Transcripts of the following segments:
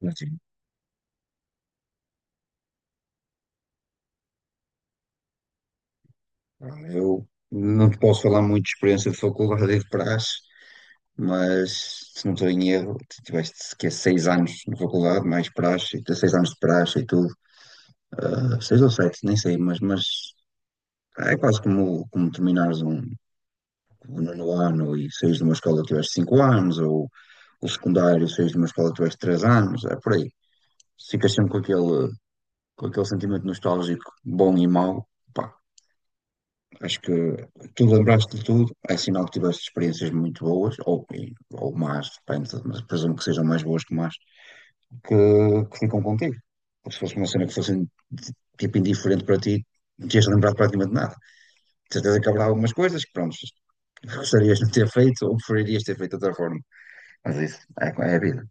Mas, sim, eu não te posso falar muito de experiência de faculdade e de praxe, mas se não estou em erro, tu tiveste que é 6 anos na faculdade, mais praxe, tens 6 anos de praxe e tudo. Ah, 6 ou 7, nem sei, mas é quase como, terminares um nono ano e saís de uma escola que tiveste 5 anos, ou o secundário, saís de uma escola que tiveste 3 anos, é por aí. Ficas sempre com aquele sentimento nostálgico bom e mau. Acho que tu lembraste de tudo, é sinal que tiveste experiências muito boas, ou, ou más, depende, mas presumo que sejam mais boas que más, que, que ficam contigo. Porque se fosse uma cena que fosse de- tipo indiferente para ti, não tinhas lembrado praticamente nada. De certeza que haverá algumas coisas que, pronto, gostarias de ter feito ou preferirias ter feito de outra forma. Mas isso é, é a vida.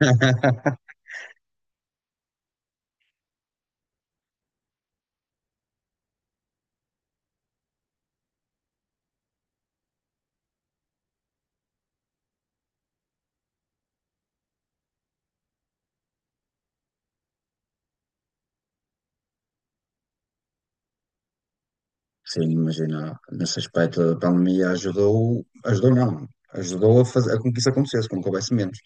Sim, imagina, nesse aspecto a pandemia ajudou, ajudou não, ajudou a, fazer, a com que isso acontecesse, com que houvesse menos.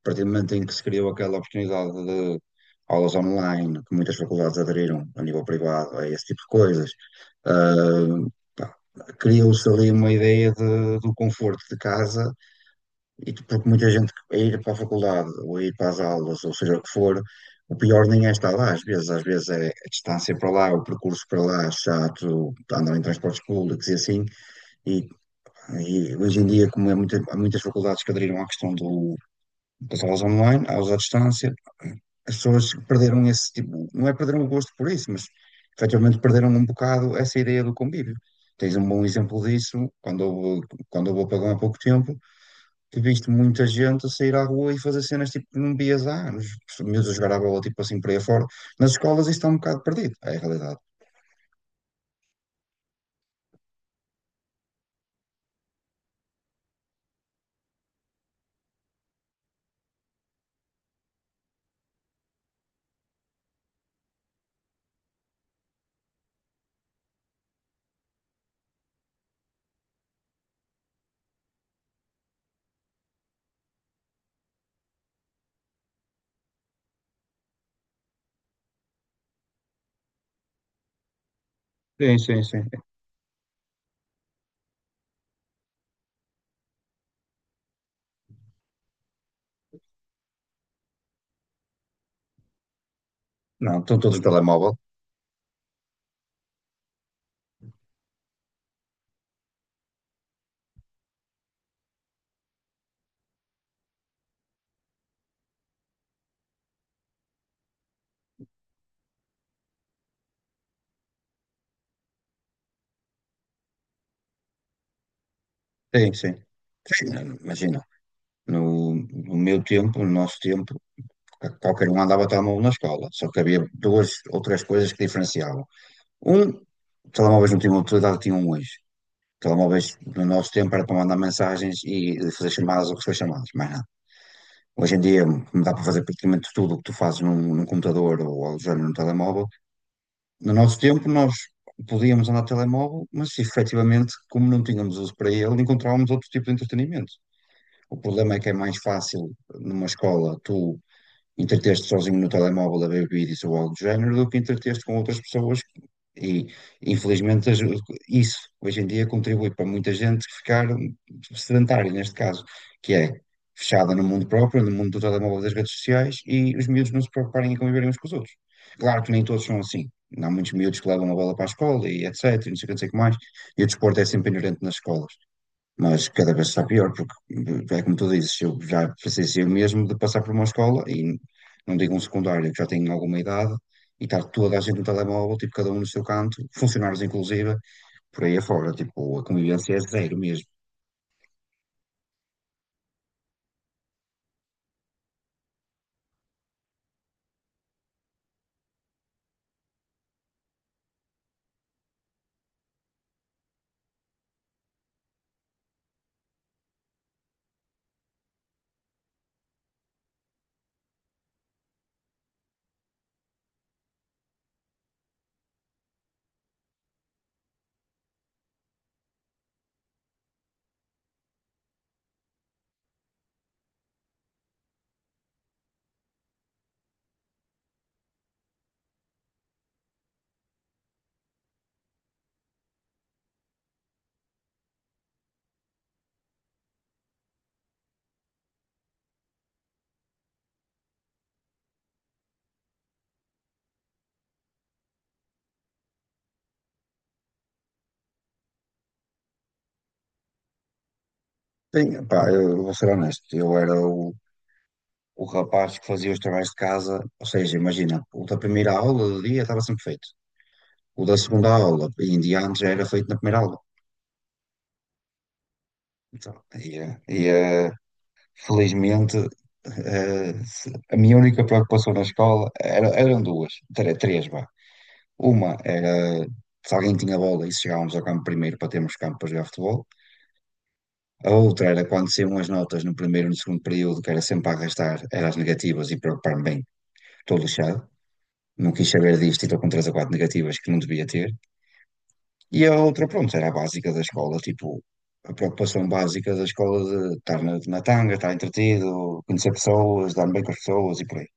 A partir do momento em que se criou aquela oportunidade de aulas online, que muitas faculdades aderiram a nível privado a esse tipo de coisas, ah, pá, criou-se ali uma ideia de- do conforto de casa, e tu- porque muita gente a ir para a faculdade, ou a ir para as aulas, ou seja o que for, o pior nem é estar lá, às vezes é a distância para lá, o percurso para lá, chato, andar em transportes públicos e assim, e, e hoje em dia, como é há muitas faculdades que aderiram à questão do, das aulas online, aulas à distância, as pessoas perderam esse tipo, não é perderam o gosto por isso, mas efetivamente perderam um bocado essa ideia do convívio. Tens um bom exemplo disso quando eu vou para lá há pouco tempo, que viste muita gente a sair à rua e fazer cenas tipo que não vias há anos. Os miúdos a jogar a bola tipo assim por aí fora. Nas escolas isto está um bocado perdido, é a realidade. Sim, sim, sim. Não, estão todos no telemóvel. Sim, sim. Sim, imagina, no meu tempo, no nosso tempo, qualquer um andava telemóvel na escola, só que havia duas ou três coisas que diferenciavam. Um, telemóveis não tinham utilidade, tinham hoje. Telemóveis no nosso tempo era para mandar mensagens e fazer chamadas ou receber chamadas, mais nada. Hoje em dia como dá para fazer praticamente tudo o que tu fazes num computador ou algo do género num telemóvel. No nosso tempo nós podíamos andar de telemóvel, mas efetivamente, como não tínhamos uso para ele, encontrávamos outro tipo de entretenimento. O problema é que é mais fácil numa escola tu entreter-te sozinho no telemóvel a ver vídeos ou algo do género do que entreter-te com outras pessoas. E infelizmente isso hoje em dia contribui para muita gente ficar sedentária, neste caso, que é fechada no mundo próprio, no mundo do telemóvel das redes sociais e os miúdos não se preocuparem em conviverem uns com os outros. Claro que nem todos são assim. Há muitos miúdos que levam a bola para a escola e etc, e não sei o que não sei o que mais. E o desporto é sempre inerente nas escolas. Mas cada vez está pior, porque é como tu dizes, eu já precisei eu mesmo de passar por uma escola, e não digo um secundário, que já tenho alguma idade, e estar toda a gente no telemóvel, tipo, cada um no seu canto, funcionários inclusive, por aí afora, tipo, a convivência é zero mesmo. Sim, pá, eu vou ser honesto, eu era o rapaz que fazia os trabalhos de casa, ou seja, imagina, o da primeira aula do dia estava sempre feito, o da segunda aula, e em diante já era feito na primeira aula. Então, e, eh, e, eh, felizmente, a minha única preocupação na escola eram duas, três, vá. Uma era se alguém tinha bola e se chegávamos ao campo primeiro para termos campo para jogar futebol. A outra era quando saíam as notas no primeiro e no segundo período, que era sempre a arrastar, eram as negativas e preocupar-me bem, estou lixado. Não quis saber disto e estou com três ou quatro negativas que não devia ter. E a outra, pronto, era a básica da escola, tipo, a preocupação básica da escola de estar na, na tanga, estar entretido, conhecer pessoas, dar-me bem com as pessoas e por aí.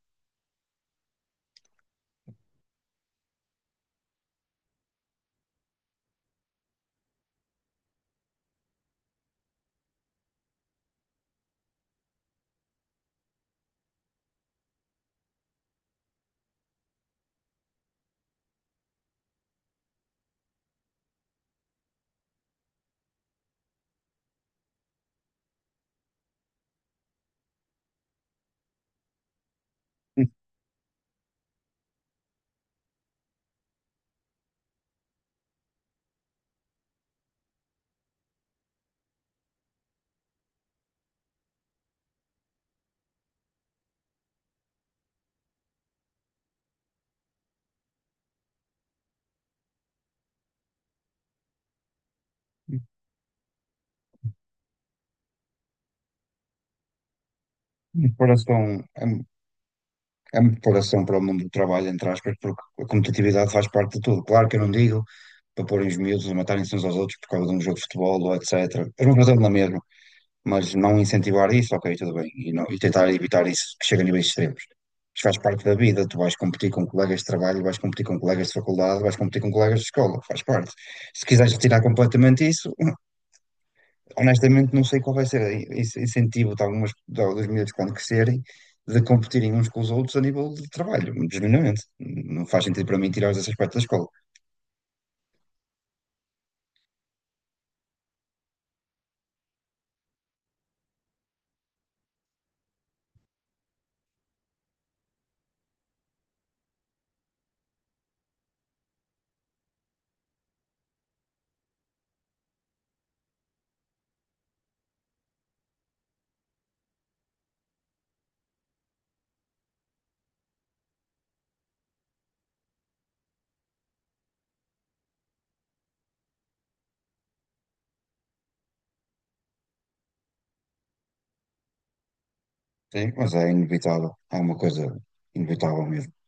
Preparação, é, é uma preparação para o mundo do trabalho, entre aspas, porque a competitividade faz parte de tudo. Claro que eu não digo para porem os miúdos a matarem-se uns aos outros por causa de um jogo de futebol ou etc. É uma coisa na mesma, mas não incentivar isso, ok, tudo bem, e, e tentar evitar isso que chega a níveis extremos. Isto faz parte da vida, tu vais competir com colegas de trabalho, vais competir com colegas de faculdade, vais competir com colegas de escola, faz parte. Se quiseres retirar completamente isso, honestamente, não sei qual vai ser esse incentivo de algumas, dos miúdos quando crescerem de competirem uns com os outros a nível de trabalho, genuinamente. Não faz sentido para mim tirar esse aspecto da escola, sim, mas é inevitável, é uma coisa inevitável mesmo.